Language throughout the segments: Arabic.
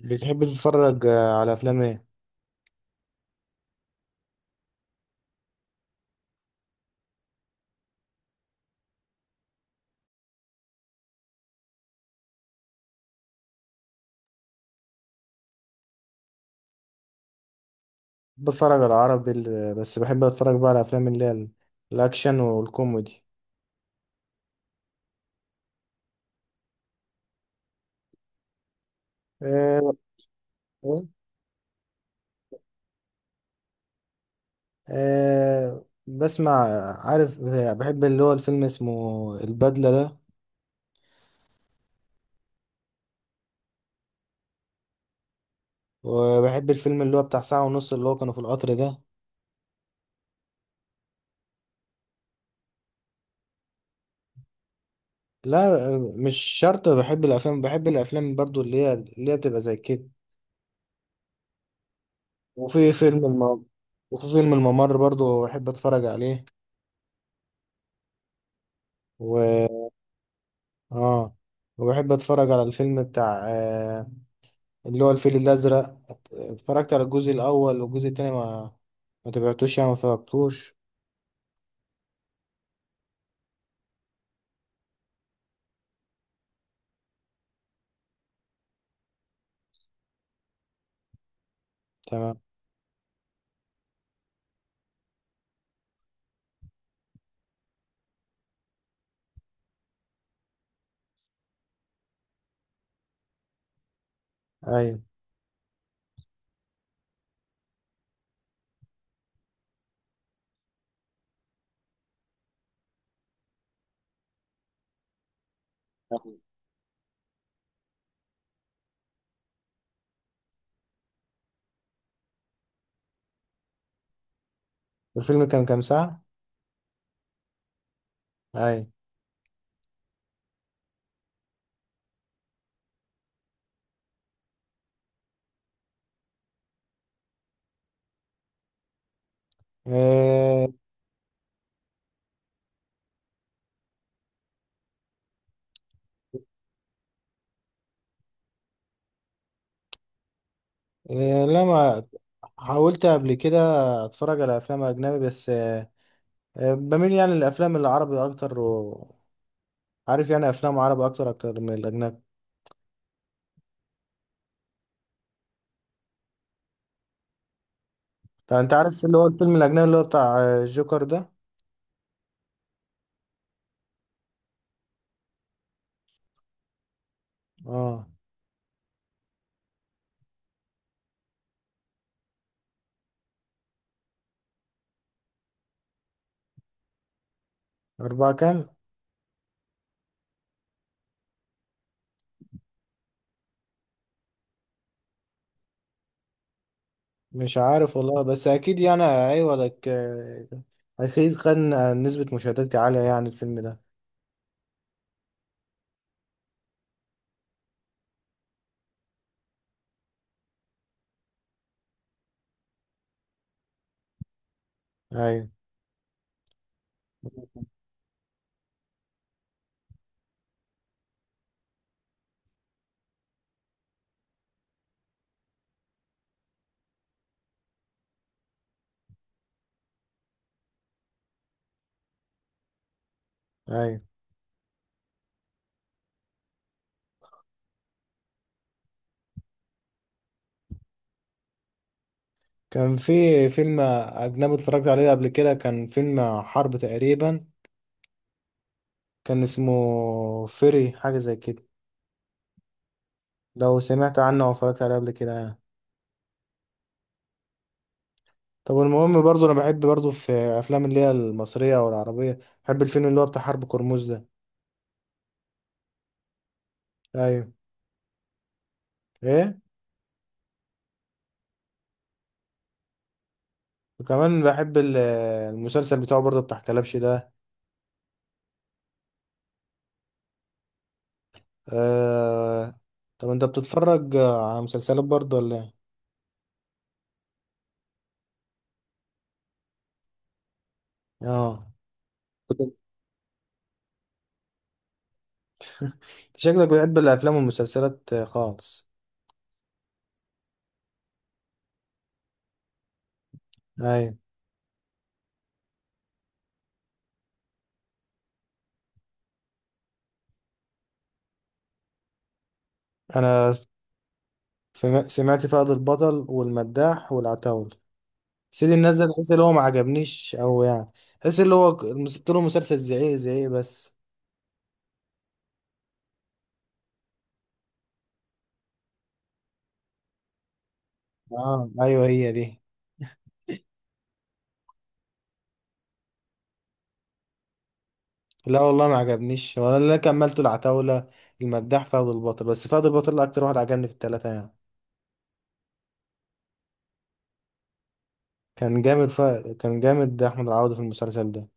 بتحب تتفرج على افلام ايه؟ بتفرج على عربي بس بحب اتفرج بقى على افلام الاكشن والكوميدي. أه. أه بسمع. عارف، بحب اللي هو الفيلم اسمه البدلة ده. وبحب الفيلم اللي هو بتاع 1:30 اللي هو كانوا في القطر ده. لا مش شرط، بحب الافلام، بحب الافلام برضو اللي هي بتبقى زي كده. وفي فيلم الم... وفي فيلم الممر برضو بحب اتفرج عليه. اه. وبحب اتفرج على الفيلم بتاع اللي هو الفيل الازرق. اتفرجت على الجزء 1 والجزء التاني، ما تبعتوش، يعني ما فرجتوش. تمام. ايوه. الفيلم كان كام ساعة؟ ايوه. آه. آه لما حاولت قبل كده اتفرج على افلام اجنبي، بس آه آه، بميل يعني للافلام العربي اكتر، وعارف يعني افلام عربي اكتر من الاجنبي. طب انت عارف اللي هو الفيلم الاجنبي اللي هو بتاع الجوكر ده؟ اه. اربعة كام؟ مش عارف والله، بس اكيد يعني، ايوه لك، اكيد كان نسبة مشاهدات عالية يعني الفيلم ده. ايوه. ايوه. كان في فيلم اجنبي اتفرجت عليه قبل كده، كان فيلم حرب تقريبا، كان اسمه فيري، حاجة زي كده. لو سمعت عنه او اتفرجت عليه قبل كده يعني. طب المهم برضو انا بحب برضو في افلام اللي هي المصرية او العربية، بحب الفيلم اللي هو بتاع حرب كرموز ده. ايوه. ايه. وكمان بحب المسلسل بتاعه برضه بتاع كلبش ده. آه. طب انت بتتفرج على مسلسلات برضو ولا ايه؟ اه. كنت- شكلك بتحب الافلام والمسلسلات خالص. ايوه. انا سمعت فهد البطل والمداح والعتاول. سيدي الناس ده تحس اللي هو ما عجبنيش، او يعني تحس اللي هو مسكت له مسلسل زعيق زعيق بس. اه ايوه هي دي. لا والله ما عجبنيش، ولا اللي أنا كملته العتاولة، المداح، فهد البطل، بس فهد البطل اكتر واحد عجبني في التلاتة يعني. كان جامد ف... كان جامد ده احمد العوضي في المسلسل ده.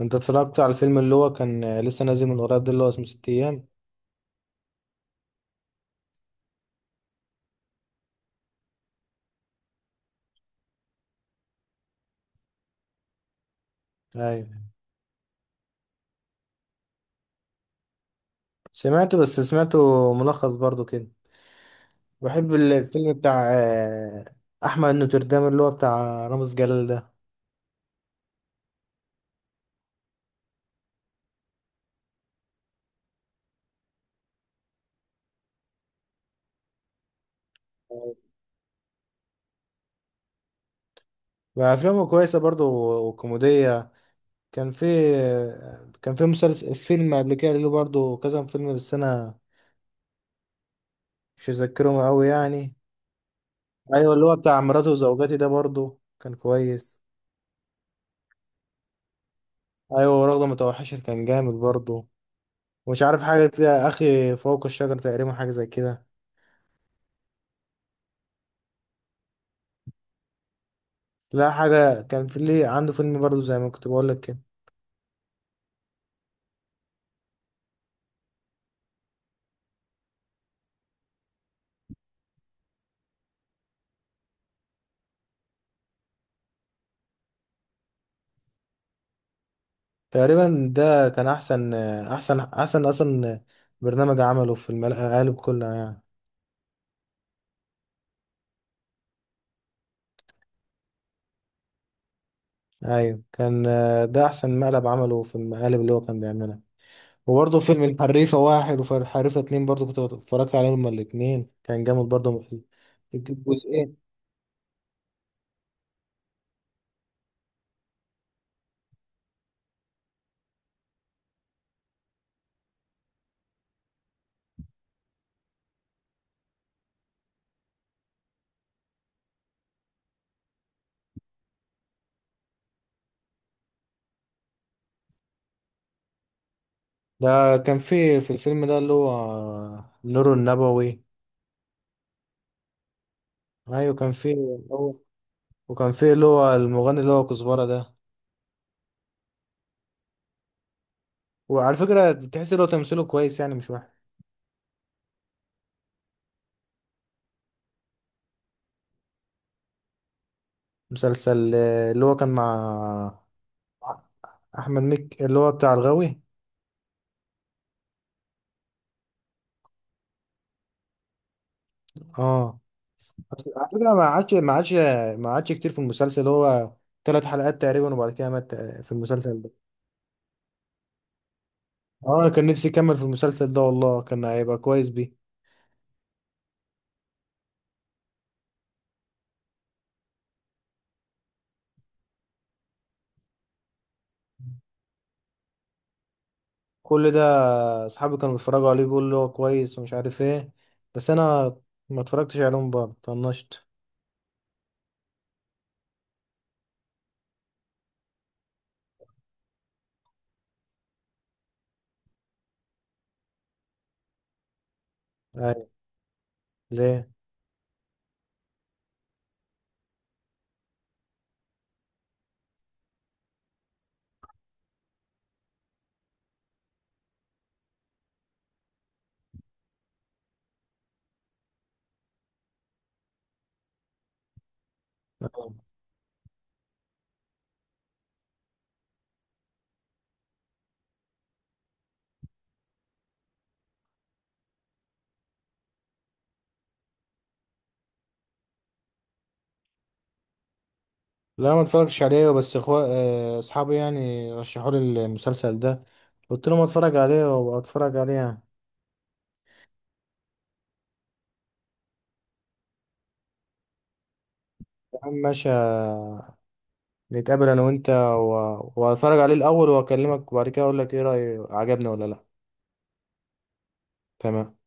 انت اتفرجت على الفيلم اللي هو كان لسه نازل من قريب ده اللي هو اسمه ست ايام؟ ايوه. سمعته، بس سمعته ملخص برضو كده. بحب الفيلم بتاع احمد نوتردام اللي هو بتاع رامز جلال ده. وافلامه كويسه برضو وكوميديه. كان في كان في مسلسل فيلم قبل كده له برضو كذا فيلم، بس انا مش مذكرهم قوي يعني. ايوه اللي هو بتاع مراته وزوجاتي ده برضو كان كويس. ايوه ورغده متوحشه كان جامد برضو. مش عارف، حاجة كده أخي فوق الشجر تقريبا، حاجة زي كده. لا حاجة كان في ليه عنده فيلم برضو زي ما كنت بقول لك كده. تقريبا ده كان أحسن أصلا برنامج عمله في المقالب كلها يعني. أيوة كان ده أحسن مقلب عمله في المقالب اللي هو كان بيعملها. وبرضه فيلم الحريفة 1 وفي الحريفة 2 برضه كنت اتفرجت عليهم هما الاتنين، كان جامد برضه الجزئين. ده كان في الفيلم ده اللي هو نور النبوي. أيوة كان في هو وكان فيه اللي هو المغني اللي هو كزبرة ده. وعلى فكرة تحس اللي هو تمثيله كويس يعني مش وحش. مسلسل، اللي هو كان مع أحمد مكي اللي هو بتاع الغاوي. اه. بس على فكرة ما عادش كتير في المسلسل هو، 3 حلقات تقريبا وبعد كده مات، في المسلسل ده. اه أنا كان نفسي يكمل في المسلسل ده والله، كان هيبقى كويس بيه. كل ده أصحابي كانوا بيتفرجوا عليه بيقولوا اللي هو كويس ومش عارف ايه، بس أنا ما اتفرجتش عليهم برضه، طنشت. أيوة. ليه؟ لا ما اتفرجتش عليه، بس اخوة، اصحابي يعني رشحوا لي المسلسل ده، قلت لهم اتفرج عليه، وابقى اتفرج عليه يعني. يا عم ماشي، نتقابل انا وانت، واتفرج عليه الاول واكلمك وبعد كده اقول لك ايه رأيي، عجبني ولا لا. تمام.